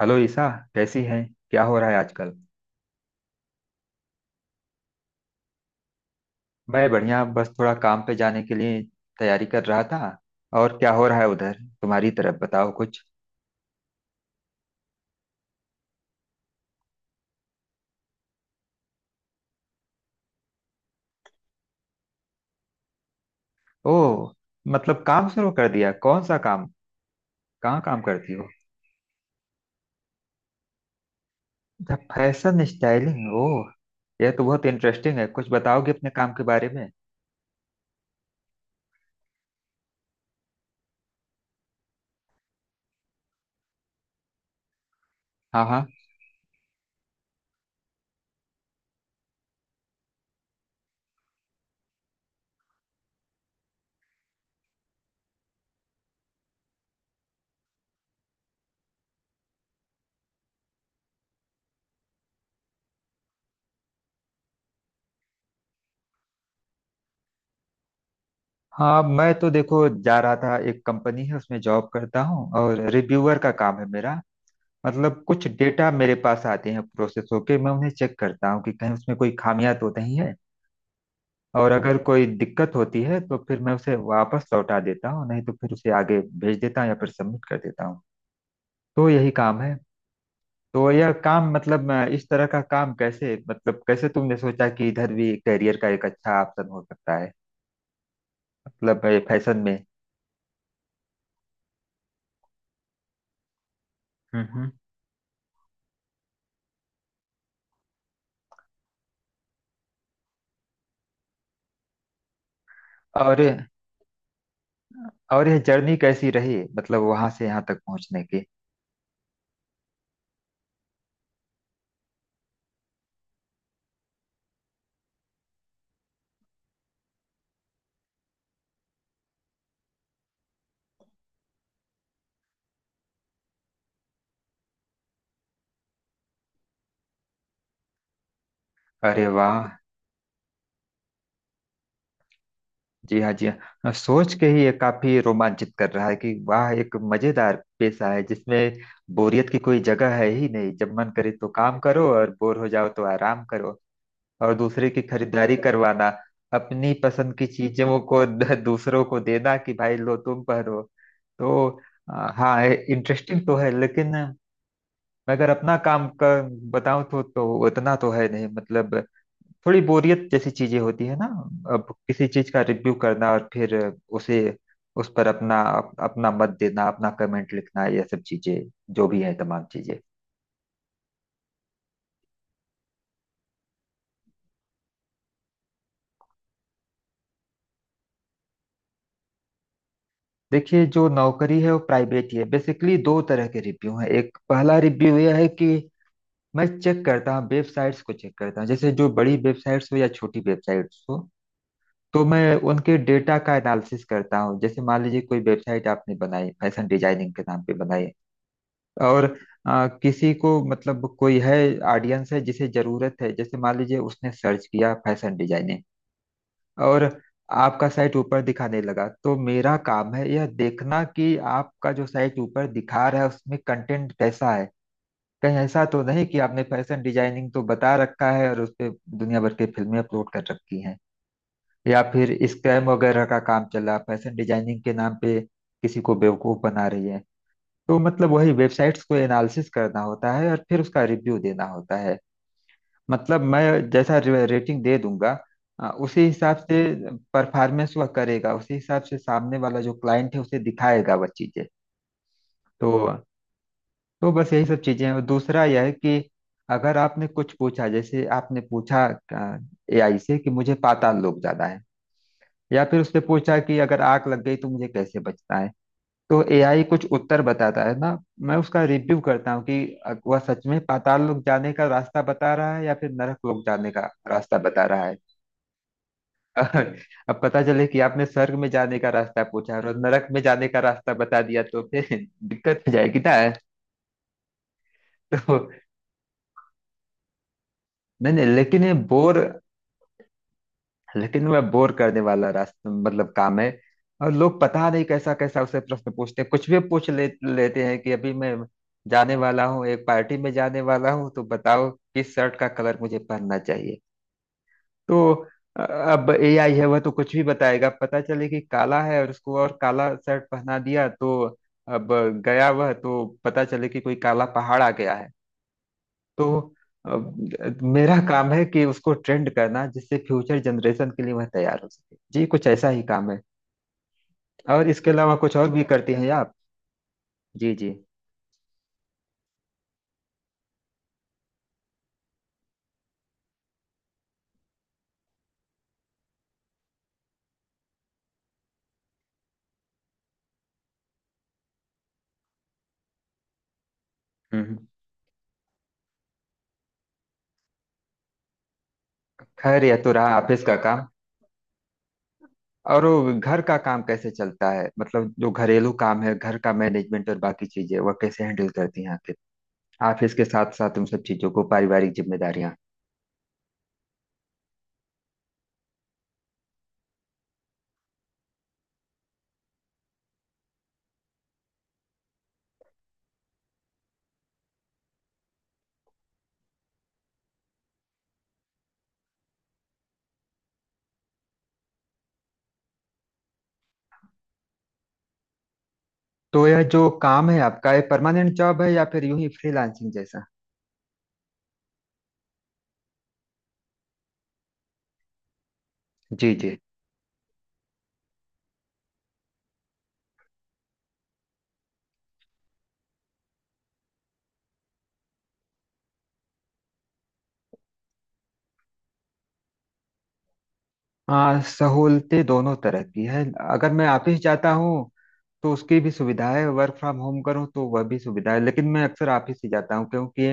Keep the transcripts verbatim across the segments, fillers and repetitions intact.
Hello Isa. कैसी हैं। क्या हो रहा है आजकल। मैं बढ़िया, बस थोड़ा काम पे जाने के लिए तैयारी कर रहा था। और क्या हो रहा है उधर, तुम्हारी तरफ बताओ कुछ। ओह, मतलब काम शुरू कर दिया, कौन सा काम, कहाँ काम करती हो। अच्छा फैशन स्टाइलिंग, ओह, यह तो बहुत इंटरेस्टिंग है, कुछ बताओगे अपने काम के बारे में। हाँ हाँ। हाँ, मैं तो देखो जा रहा था, एक कंपनी है उसमें जॉब करता हूँ और रिव्यूअर का काम है मेरा। मतलब कुछ डेटा मेरे पास आते हैं प्रोसेस होके, मैं उन्हें चेक करता हूँ कि कहीं उसमें कोई खामियां तो नहीं है। और अगर कोई दिक्कत होती है तो फिर मैं उसे वापस लौटा देता हूँ, नहीं तो फिर उसे आगे भेज देता हूँ या फिर सबमिट कर देता हूँ। तो यही काम है। तो यह काम मतलब अ, इस तरह का काम कैसे, मतलब कैसे तुमने सोचा कि इधर भी करियर का एक अच्छा ऑप्शन हो सकता है, मतलब फैशन में। हम्म हम्म। और और यह जर्नी कैसी रही, मतलब वहां से यहाँ तक पहुंचने की। अरे वाह, जी हाँ जी हाँ, सोच के ही ये काफी रोमांचित कर रहा है कि वाह एक मजेदार पेशा है जिसमें बोरियत की कोई जगह है ही नहीं, जब मन करे तो काम करो और बोर हो जाओ तो आराम करो, और दूसरे की खरीदारी करवाना, अपनी पसंद की चीजों को द- दूसरों को देना कि भाई लो तुम पहनो। तो आ, हाँ इंटरेस्टिंग तो है, लेकिन मैं अगर अपना काम का बताऊं तो तो उतना तो है नहीं, मतलब थोड़ी बोरियत जैसी चीजें होती है ना। अब किसी चीज का रिव्यू करना और फिर उसे उस पर अपना अप, अपना मत देना, अपना कमेंट लिखना, ये सब चीजें, जो भी है तमाम चीजें। देखिए जो नौकरी है वो प्राइवेट ही है। बेसिकली दो तरह के रिव्यू हैं। एक पहला रिव्यू यह है कि मैं चेक करता हूँ, वेबसाइट्स को चेक करता हूँ, जैसे जो बड़ी वेबसाइट्स हो या छोटी वेबसाइट्स हो, तो मैं उनके डेटा का एनालिसिस करता हूँ। जैसे मान लीजिए कोई वेबसाइट आपने बनाई, फैशन डिजाइनिंग के नाम पे बनाई, और आ, किसी को मतलब कोई है, ऑडियंस है जिसे जरूरत है, जैसे मान लीजिए उसने सर्च किया फैशन डिजाइनिंग, और आपका साइट ऊपर दिखाने लगा, तो मेरा काम है यह देखना कि आपका जो साइट ऊपर दिखा रहा है उसमें कंटेंट कैसा है, कहीं ऐसा तो नहीं कि आपने फैशन डिजाइनिंग तो बता रखा है और उस पे दुनिया भर की फिल्में अपलोड कर रखी हैं, या फिर स्कैम वगैरह का काम चला फैशन डिजाइनिंग के नाम पे, किसी को बेवकूफ बना रही है। तो मतलब वही वेबसाइट्स को एनालिसिस करना होता है और फिर उसका रिव्यू देना होता है। मतलब मैं जैसा रे- रेटिंग दे दूंगा अ, उसी हिसाब से परफॉर्मेंस वह करेगा, उसी हिसाब से सामने वाला जो क्लाइंट है उसे दिखाएगा वह चीजें। तो तो बस यही सब चीजें हैं। और दूसरा यह है कि अगर आपने कुछ पूछा, जैसे आपने पूछा एआई से कि मुझे पाताल लोक जाना है, या फिर उसने पूछा कि अगर आग लग गई तो मुझे कैसे बचना है, तो एआई कुछ उत्तर बताता है ना। मैं उसका रिव्यू करता हूँ कि वह सच में पाताल लोक जाने का रास्ता बता रहा है या फिर नरक लोक जाने का रास्ता बता रहा है। अब पता चले कि आपने स्वर्ग में जाने का रास्ता पूछा और नरक में जाने का रास्ता बता दिया तो फिर दिक्कत हो जाएगी ना। तो नहीं नहीं, लेकिन ये बोर, लेकिन वह बोर करने वाला रास्ता मतलब काम है। और लोग पता नहीं कैसा कैसा उसे प्रश्न पूछते हैं, कुछ भी पूछ ले, लेते हैं कि अभी मैं जाने वाला हूँ, एक पार्टी में जाने वाला हूँ, तो बताओ किस शर्ट का कलर मुझे पहनना चाहिए। तो अ, अब एआई है वह तो कुछ भी बताएगा, पता चले कि काला है और उसको और काला शर्ट पहना दिया तो अब गया वह, तो पता चले कि कोई काला पहाड़ आ गया है। तो अब मेरा काम है कि उसको ट्रेंड करना जिससे फ्यूचर जनरेशन के लिए वह तैयार हो सके, जी कुछ ऐसा ही काम है। और इसके अलावा कुछ और भी करती हैं आप। जी जी। हम्म हम्म। खैर यह तो रहा ऑफिस का काम। और वो घर का काम कैसे चलता है, मतलब जो घरेलू काम है, घर का मैनेजमेंट और बाकी चीजें वह कैसे हैंडल करती हैं आखिर, ऑफिस के साथ साथ उन सब चीजों को, पारिवारिक जिम्मेदारियां। तो यह जो काम है आपका, ये परमानेंट जॉब है या फिर यूं ही फ्रीलांसिंग जैसा। जी जी। हाँ सहूलतें दोनों तरह की है, अगर मैं ऑफिस जाता हूँ तो उसकी भी सुविधा है, वर्क फ्रॉम होम करूँ तो वह भी सुविधा है, लेकिन मैं अक्सर ऑफिस ही जाता हूँ क्योंकि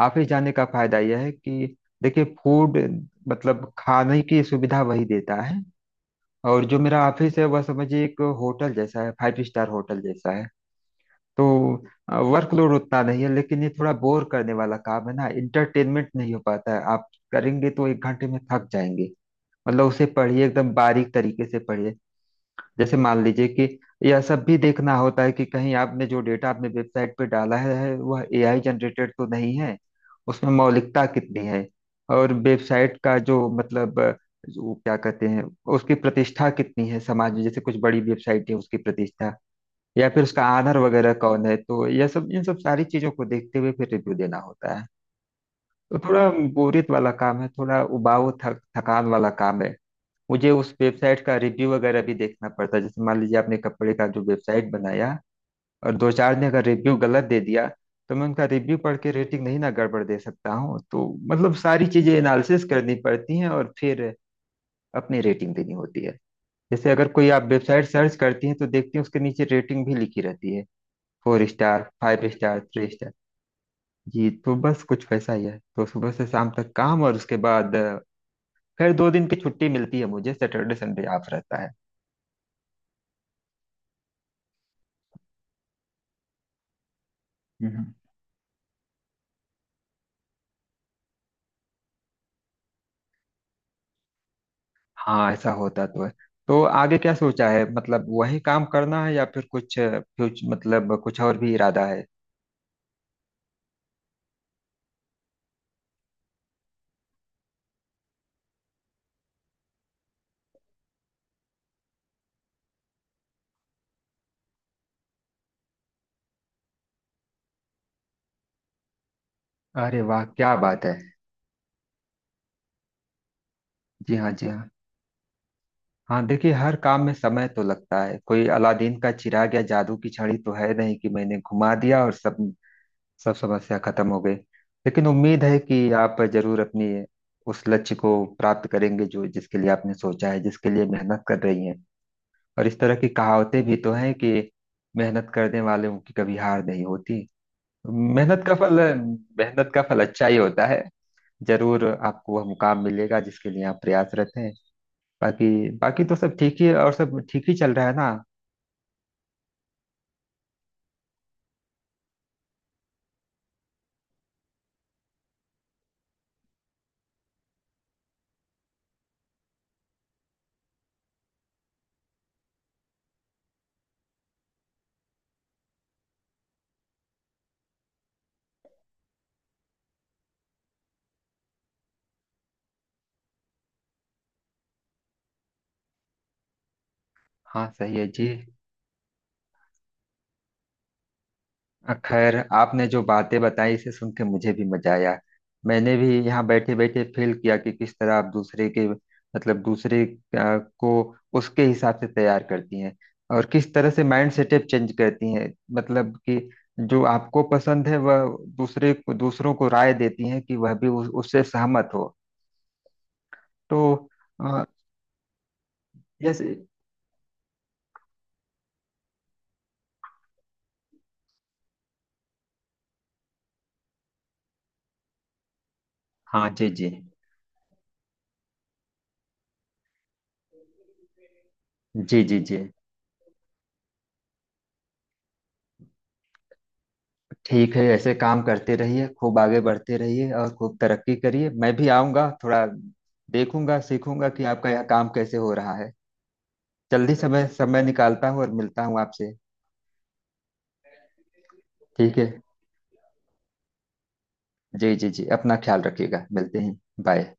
ऑफिस जाने का फायदा यह है कि देखिए फूड, मतलब खाने की सुविधा वही देता है, और जो मेरा ऑफिस है वह समझिए एक होटल जैसा है, फाइव स्टार होटल जैसा है। तो वर्कलोड उतना नहीं है, लेकिन ये थोड़ा बोर करने वाला काम है ना, इंटरटेनमेंट नहीं हो पाता है, आप करेंगे तो एक घंटे में थक जाएंगे। मतलब उसे पढ़िए एकदम बारीक तरीके से पढ़िए, जैसे मान लीजिए कि यह सब भी देखना होता है कि कहीं आपने जो डेटा आपने वेबसाइट पे डाला है वह एआई जनरेटेड तो नहीं है, उसमें मौलिकता कितनी है, और वेबसाइट का जो मतलब अ, जो क्या कहते हैं उसकी प्रतिष्ठा कितनी है समाज में, जैसे कुछ बड़ी वेबसाइट है उसकी प्रतिष्ठा या फिर उसका आधार वगैरह कौन है, तो यह सब इन सब सारी चीजों को देखते हुए फिर रिव्यू देना होता है। तो थोड़ा बोरियत वाला काम है, थोड़ा उबाऊ, थक थकान वाला काम है। मुझे उस वेबसाइट का रिव्यू वगैरह भी देखना पड़ता है, जैसे मान लीजिए आपने कपड़े का जो वेबसाइट बनाया और दो चार ने अगर रिव्यू गलत दे दिया तो मैं उनका रिव्यू पढ़ के रेटिंग नहीं ना गड़बड़ दे सकता हूँ, तो मतलब सारी चीजें एनालिसिस करनी पड़ती हैं और फिर अपनी रेटिंग देनी होती है। जैसे अगर कोई आप वेबसाइट सर्च करती हैं तो देखती हैं उसके नीचे रेटिंग भी लिखी रहती है, four star five star three star. जी तो बस कुछ वैसा ही है, तो सुबह से शाम तक काम, और उसके बाद अ, फिर दो दिन की छुट्टी मिलती है मुझे, सैटरडे संडे ऑफ रहता है। हाँ ऐसा होता तो है। तो आगे क्या सोचा है, मतलब वही काम करना है या फिर कुछ कुछ मतलब कुछ और भी इरादा है। अरे वाह, क्या बात है। जी हाँ जी हाँ। हाँ देखिए हर काम में समय तो लगता है, कोई अलादीन का चिराग या जादू की छड़ी तो है नहीं कि मैंने घुमा दिया और सब सब समस्या खत्म हो गई। लेकिन उम्मीद है कि आप जरूर अपनी उस लक्ष्य को प्राप्त करेंगे जो जिसके लिए आपने सोचा है, जिसके लिए मेहनत कर रही हैं। और इस तरह की कहावतें भी तो हैं कि मेहनत करने वालों की कभी हार नहीं होती, मेहनत का फल, मेहनत का फल अच्छा ही होता है। जरूर आपको वह मुकाम मिलेगा जिसके लिए आप प्रयासरत हैं। बाकी बाकी तो सब ठीक ही, और सब ठीक ही चल रहा है ना। हाँ सही है जी। अ, खैर आपने जो बातें बताई इसे सुन के मुझे भी मजा आया। मैंने भी यहाँ बैठे बैठे फील किया कि किस तरह आप दूसरे के मतलब दूसरे अ, को उसके हिसाब से तैयार करती हैं, और किस तरह से माइंड सेटअप चेंज करती हैं, मतलब कि जो आपको पसंद है वह दूसरे को दूसरों को राय देती हैं कि वह भी उस, उससे सहमत हो। तो अ, जैसे। हाँ जी जी जी जी जी। ठीक है, ऐसे काम करते रहिए, खूब आगे बढ़ते रहिए और खूब तरक्की करिए। मैं भी आऊँगा, थोड़ा देखूंगा सीखूंगा कि आपका यह काम कैसे हो रहा है। जल्दी समय समय निकालता हूँ और मिलता हूँ आपसे। ठीक है। जी जी जी, अपना ख्याल रखिएगा, मिलते हैं। बाय।